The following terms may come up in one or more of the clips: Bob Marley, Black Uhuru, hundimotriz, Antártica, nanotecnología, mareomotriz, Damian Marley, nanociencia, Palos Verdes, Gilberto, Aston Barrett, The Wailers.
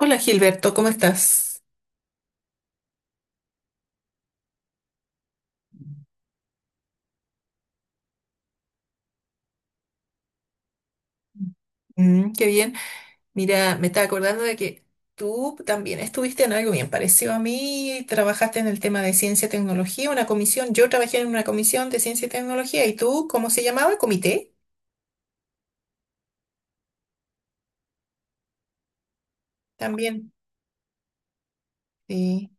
Hola Gilberto, ¿cómo estás? Mm, qué bien. Mira, me estaba acordando de que tú también estuviste en algo bien parecido a mí, trabajaste en el tema de ciencia y tecnología, una comisión, yo trabajé en una comisión de ciencia y tecnología, ¿y tú cómo se llamaba? ¿Comité? También. Sí.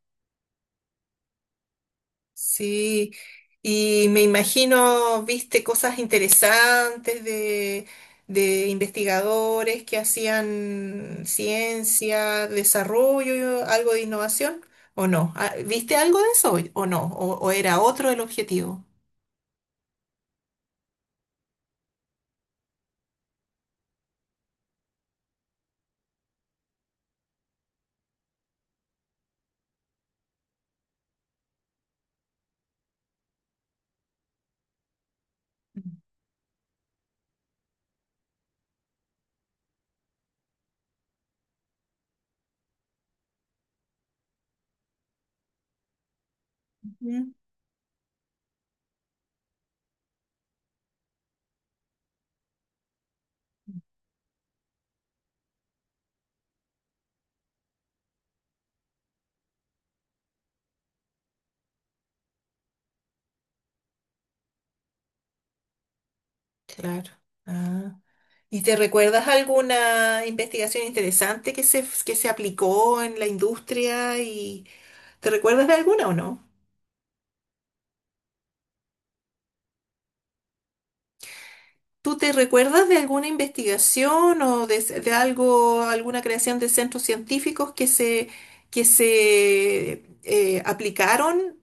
Sí, y me imagino, viste cosas interesantes de investigadores que hacían ciencia, desarrollo, algo de innovación, ¿o no? Ah, ¿viste algo de eso o no? ¿O era otro el objetivo? Ujú. Claro. Ah. ¿Y te recuerdas alguna investigación interesante que se aplicó en la industria y te recuerdas de alguna o no? ¿Tú te recuerdas de alguna investigación o de algo, alguna creación de centros científicos que se aplicaron,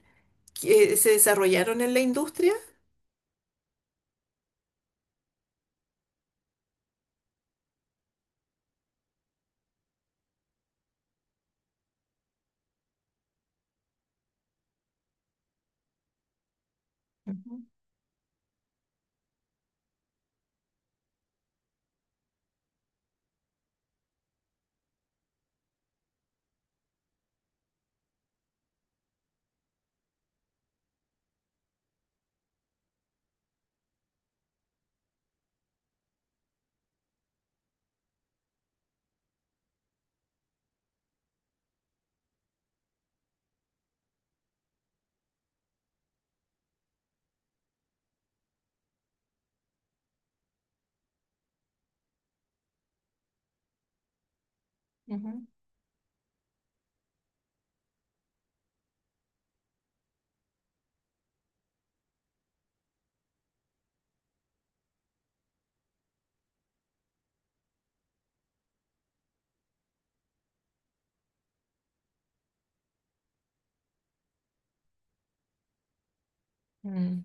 que se desarrollaron en la industria? Ujú, ujú, mm.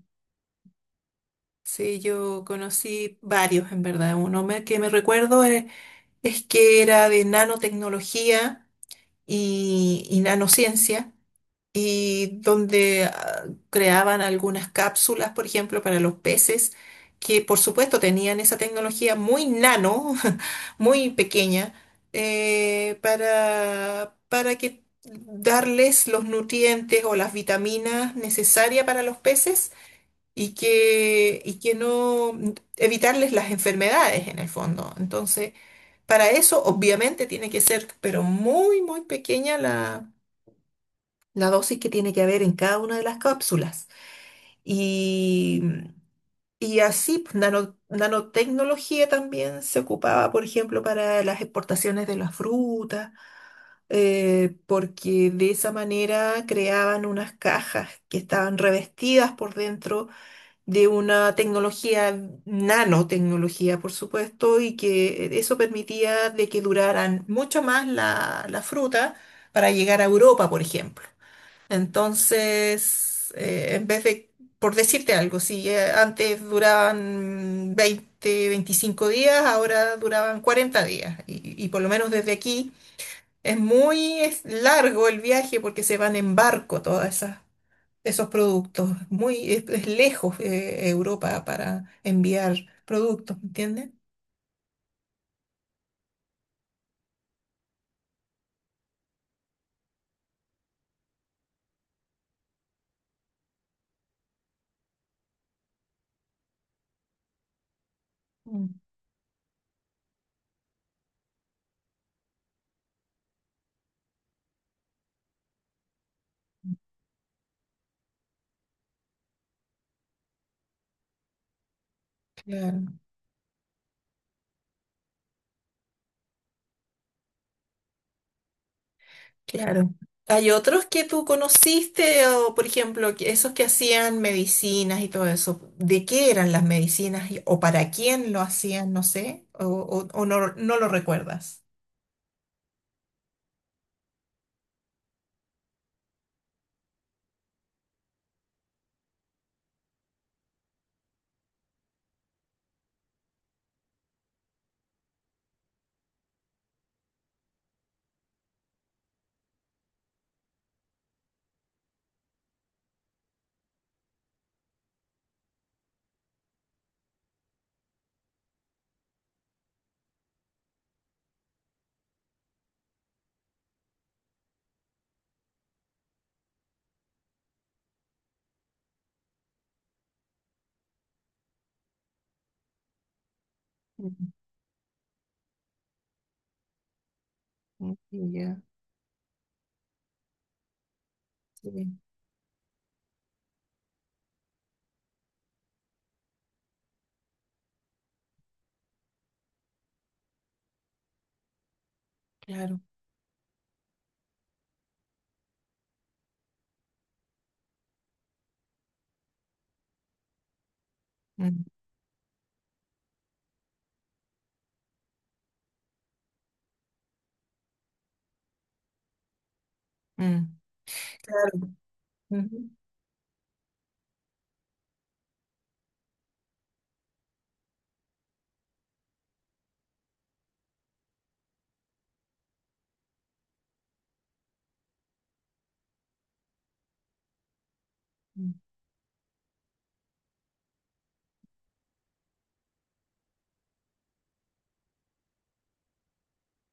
Sí, yo conocí varios en verdad. Que me recuerdo es, que era de nanotecnología y nanociencia. Y donde creaban algunas cápsulas, por ejemplo, para los peces, que por supuesto tenían esa tecnología muy nano, muy pequeña, para que darles los nutrientes o las vitaminas necesarias para los peces y que no evitarles las enfermedades en el fondo. Entonces, para eso obviamente tiene que ser, pero muy, muy pequeña la dosis que tiene que haber en cada una de las cápsulas. Y, y así, pues, nanotecnología también se ocupaba, por ejemplo, para las exportaciones de las frutas, porque de esa manera creaban unas cajas que estaban revestidas por dentro de una tecnología, nanotecnología, por supuesto, y que eso permitía de que duraran mucho más la fruta para llegar a Europa, por ejemplo. Entonces, en vez de, por decirte algo, si antes duraban 20, 25 días, ahora duraban 40 días. Y por lo menos desde aquí es largo el viaje porque se van en barco todas esas. Esos productos, es lejos Europa para enviar productos, ¿me entiendes? Mm. Claro. Claro. ¿Hay otros que tú conociste o, por ejemplo, esos que hacían medicinas y todo eso? ¿De qué eran las medicinas o para quién lo hacían? No sé, o no, no lo recuerdas. Ujú, ya, sí, claro. Mm, mm, claro. Ujú.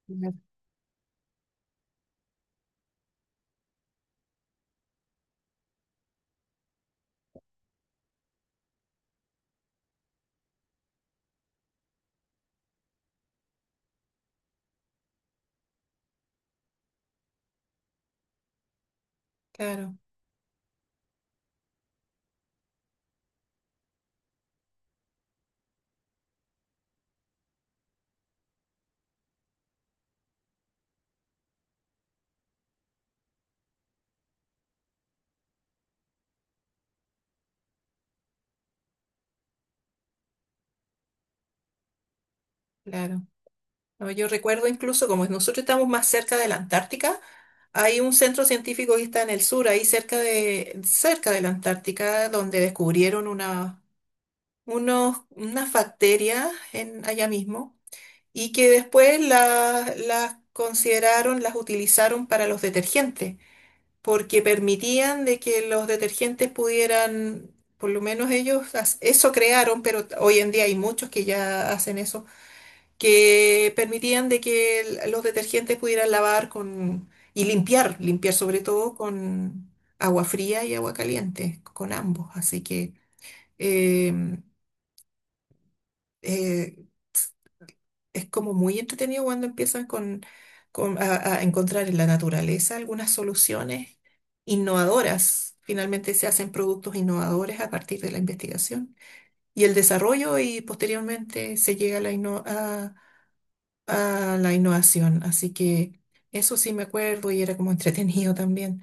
Ya. Claro, claro. No, yo recuerdo incluso como nosotros estamos más cerca de la Antártica, hay un centro científico que está en el sur, ahí cerca cerca de la Antártica, donde descubrieron unas bacterias en, allá mismo y que después las consideraron, las utilizaron para los detergentes, porque permitían de que los detergentes pudieran, por lo menos ellos eso crearon, pero hoy en día hay muchos que ya hacen eso, que permitían de que los detergentes pudieran lavar con y limpiar, limpiar sobre todo con agua fría y agua caliente, con ambos. Así que em, eh, es como muy entretenido cuando empiezan a encontrar en la naturaleza algunas soluciones innovadoras. Finalmente se hacen productos innovadores a partir de la investigación y el desarrollo y posteriormente se llega a a la innovación. Así que eso sí me acuerdo y era como entretenido también.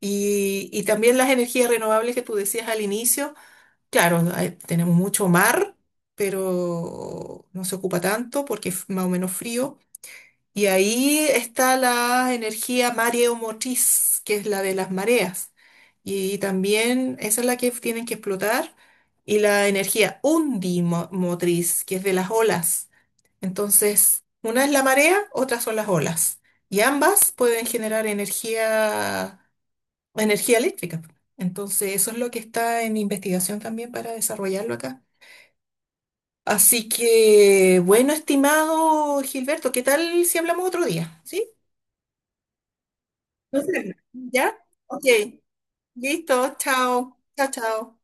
Y también las energías renovables que tú decías al inicio, claro, no, tenemos mucho mar. Pero no se ocupa tanto porque es más o menos frío, y ahí está la energía mareomotriz, que es la de las mareas. Y también esa es la que tienen que explotar. Y la energía hundimotriz, que es de las olas. Entonces, una es la marea, otra son las olas. Y ambas pueden generar energía eléctrica. Entonces, eso es lo que está en investigación también para desarrollarlo acá. Así que, bueno, estimado Gilberto, ¿qué tal si hablamos otro día? ¿Sí? No sé, ¿ya? Ok, listo, chao, chao, chao.